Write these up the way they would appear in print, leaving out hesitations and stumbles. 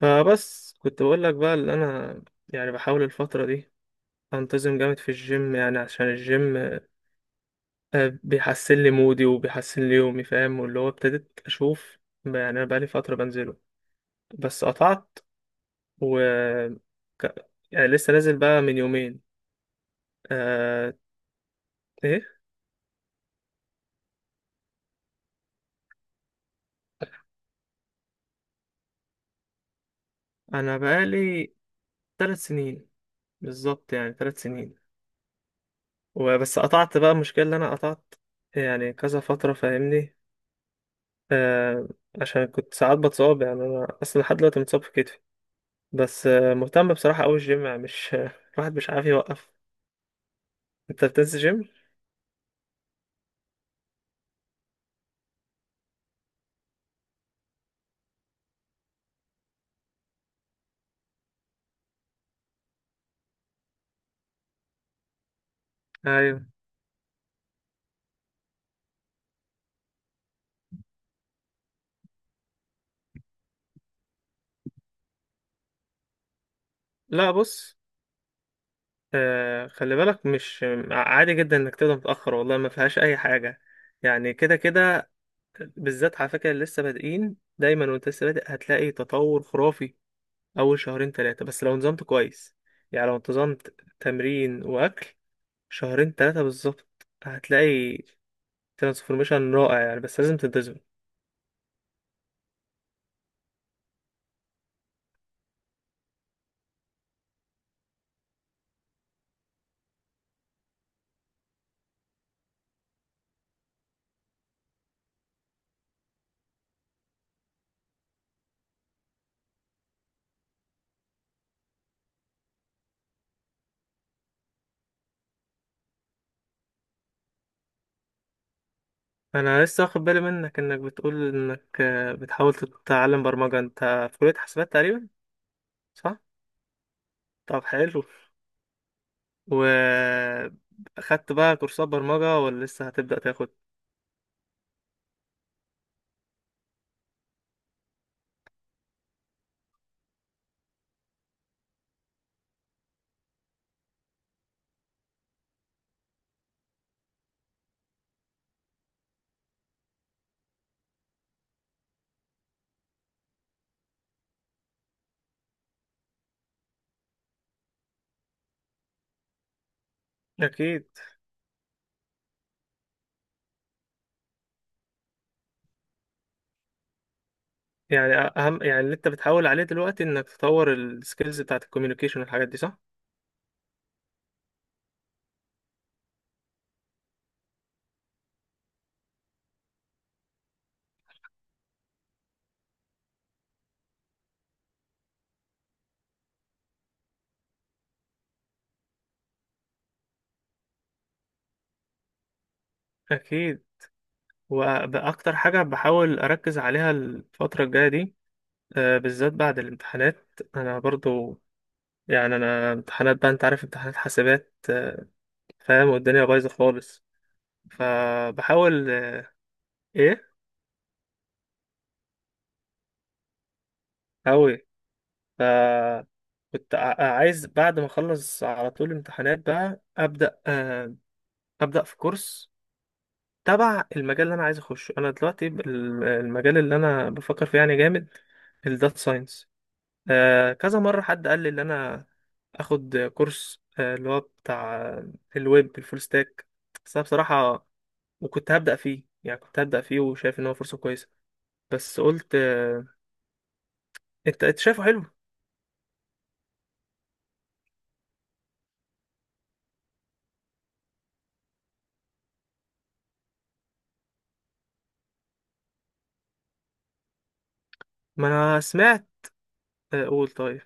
فبس كنت بقول لك بقى اللي انا يعني بحاول الفترة دي انتظم جامد في الجيم، يعني عشان الجيم بيحسن لي مودي وبيحسن لي يومي فاهم، واللي هو ابتديت اشوف يعني انا بقالي فترة بنزله بس قطعت و ك- يعني لسه نازل بقى من يومين. أه. ايه، انا بقالي 3 سنين بالظبط، يعني 3 سنين وبس قطعت بقى. المشكلة اللي انا قطعت يعني كذا فترة فاهمني آه عشان كنت ساعات بتصاب، يعني انا اصلا لحد دلوقتي متصاب في كتفي، بس مهتم بصراحه قوي الجيم يعني، مش الواحد مش عارف يوقف. انت بتنزل جيم؟ ايوه. لا بص، خلي بالك، مش عادي جدا انك تبدا متاخر، والله ما فيهاش اي حاجه يعني كده كده. بالذات على فكره اللي لسه بادئين دايما، وانت لسه بادئ هتلاقي تطور خرافي اول شهرين ثلاثه، بس لو نظمت كويس، يعني لو انتظمت تمرين واكل شهرين ثلاثه بالظبط هتلاقي ترانسفورميشن رائع يعني، بس لازم تنتظم. انا لسه واخد بالي منك انك بتقول انك بتحاول تتعلم برمجة، انت في كلية حاسبات تقريبا؟ صح. طب حلو، و اخدت بقى كورسات برمجة ولا لسه هتبدأ تاخد؟ اكيد. يعني اهم، يعني اللي انت بتحاول عليه دلوقتي انك تطور السكيلز بتاعت الكوميونيكيشن والحاجات دي، صح. اكيد، واكتر حاجة بحاول اركز عليها الفترة الجاية دي بالذات بعد الامتحانات. انا برضو يعني انا امتحانات بقى، انت عارف امتحانات حاسبات فاهم، والدنيا بايظه خالص. فبحاول ايه. اوي. ف عايز بعد ما اخلص على طول امتحانات بقى ابدا ابدا في كورس تبع المجال اللي انا عايز اخشه. انا دلوقتي المجال اللي انا بفكر فيه يعني جامد، الداتا ساينس. كذا مره حد قال لي ان انا اخد كورس اللي هو بتاع الويب، الفول ستاك. بس أنا بصراحه وكنت هبدأ فيه، يعني كنت هبدأ فيه وشايف ان هو فرصة كويسة بس قلت انت شايفه حلو؟ ما انا سمعت. قول. طيب.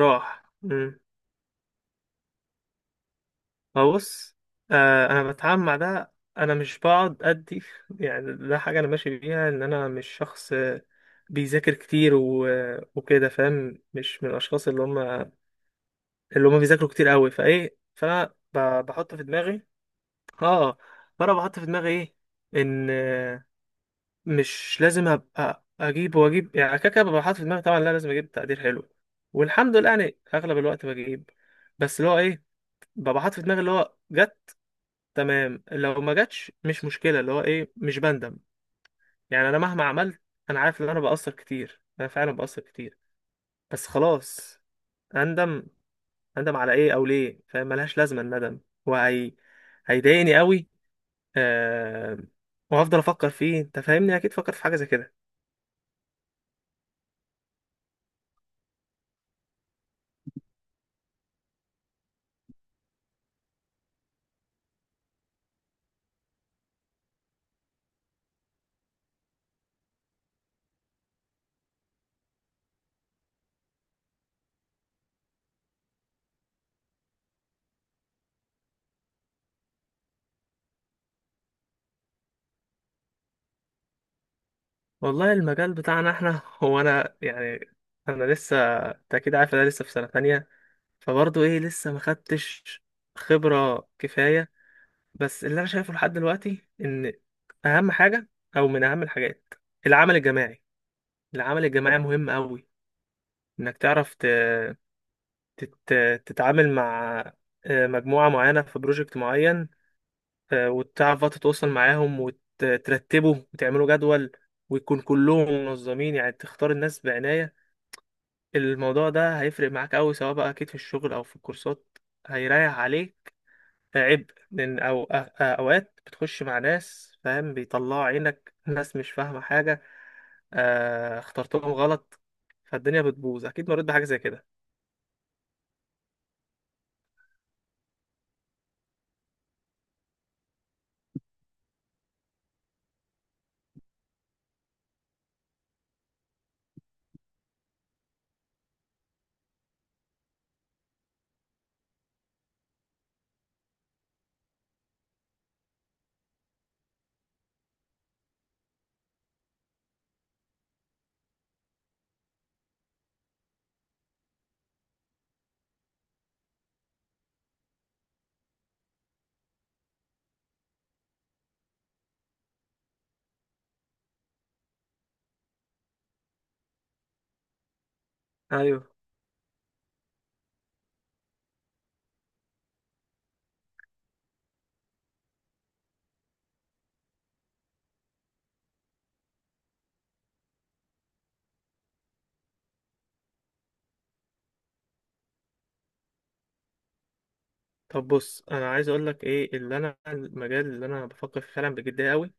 راح. بص، انا بتعامل مع ده، انا مش بقعد ادي، يعني ده حاجة انا ماشي بيها، ان انا مش شخص بيذاكر كتير وكده فاهم، مش من الاشخاص اللي هم اللي هم بيذاكروا كتير قوي فايه بحط في دماغي. اه. فانا بحط في دماغي ايه؟ ان مش لازم ابقى اجيب واجيب، يعني كده كده ببقى حاطط في دماغي طبعا لا، لازم اجيب تقدير حلو، والحمد لله يعني اغلب الوقت بجيب، بس اللي هو ايه، ببقى حاطط في دماغي اللي هو جت تمام، لو ما جاتش مش مشكله، اللي هو ايه مش بندم يعني. انا مهما عملت انا عارف ان انا بقصر كتير، انا فعلا بقصر كتير بس خلاص. اندم؟ اندم على ايه او ليه؟ فاهم ملهاش لازمه الندم، وهي هيضايقني قوي آه... وهفضل افكر فيه، انت فاهمني، اكيد فكرت في حاجه زي كده. والله المجال بتاعنا احنا، هو انا يعني انا لسه، انت اكيد عارف انا لسه في سنة تانية، فبرضه ايه لسه ما خدتش خبرة كفاية. بس اللي انا شايفه لحد دلوقتي ان اهم حاجة، او من اهم الحاجات، العمل الجماعي. العمل الجماعي مهم قوي، انك تعرف تت... تتعامل مع مجموعة معينة في بروجكت معين، وتعرف بقى تتواصل معاهم وترتبه وتعملوا جدول، ويكون كلهم منظمين، يعني تختار الناس بعناية. الموضوع ده هيفرق معاك أوي، سواء بقى أكيد في الشغل أو في الكورسات، هيريح عليك عبء، أوقات بتخش مع ناس فاهم بيطلعوا عينك، ناس مش فاهمة حاجة اخترتهم غلط فالدنيا بتبوظ، أكيد مريت بحاجة زي كده. أيوه. طب بص، أنا عايز أقول لك إيه اللي أنا، المجال اللي أنا بفكر فيه فعلا بجدية أوي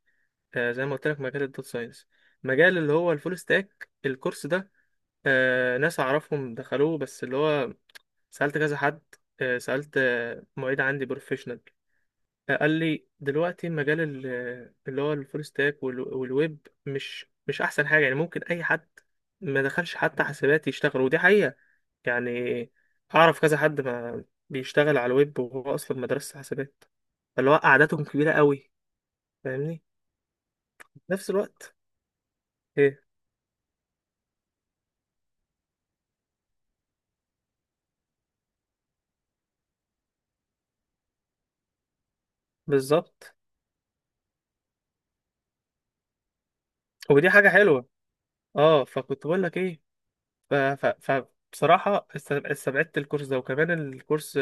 زي ما قلت لك، مجال الداتا ساينس، مجال اللي هو الفول ستاك الكورس ده. ناس أعرفهم دخلوه، بس اللي هو سألت كذا حد، سألت معيد عندي بروفيشنال، قال لي دلوقتي مجال اللي هو الفول ستاك والويب مش احسن حاجة، يعني ممكن اي حد ما دخلش حتى حسابات يشتغل، ودي حقيقة يعني. اعرف كذا حد ما بيشتغل على الويب وهو اصلا مدرسة حسابات، فاللي هو قعدتهم كبيرة قوي فاهمني. في نفس الوقت ايه بالظبط، ودي حاجة حلوة. اه، فكنت بقول لك ايه؟ ف... ف... ف... بصراحة استبعدت الكورس ده، وكمان الكورس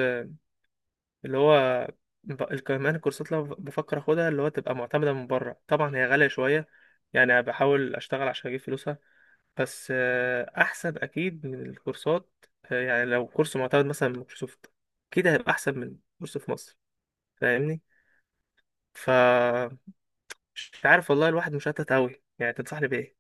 اللي هو كمان الكورسات اللي أنا بفكر اخدها اللي هو تبقى معتمدة من بره، طبعا هي غالية شوية، يعني أنا بحاول اشتغل عشان اجيب فلوسها، بس احسن اكيد من الكورسات، يعني لو كورس معتمد مثلا من مايكروسوفت اكيد هيبقى احسن من كورس في مصر، فاهمني. ف مش عارف والله، الواحد مشتت اوي، يعني تنصحني بايه؟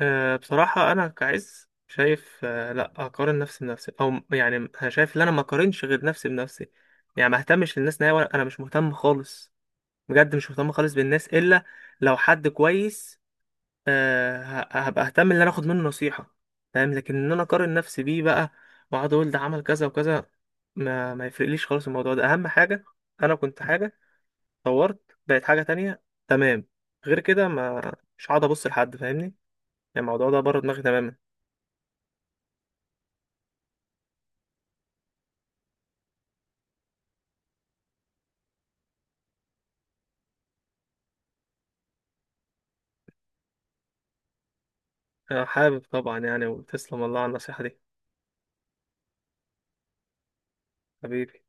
أه بصراحة انا كعز شايف، أه لا، اقارن نفسي بنفسي او يعني أنا شايف ان انا ما اقارنش غير نفسي بنفسي، يعني ما اهتمش للناس نهائي، وانا مش مهتم خالص، بجد مش مهتم خالص بالناس، الا لو حد كويس هبقى اهتم ان انا اخد منه نصيحة فاهم، لكن ان انا اقارن نفسي بيه بقى، واقعد اقول ده عمل كذا وكذا، ما يفرقليش خالص الموضوع ده. اهم حاجة، انا كنت حاجة طورت بقت حاجة تانية تمام، غير كده ما، مش هقعد ابص لحد فاهمني، يعني الموضوع ده بره دماغي تماما. انا حابب طبعا يعني، وتسلم والله على النصيحة دي، حبيبي.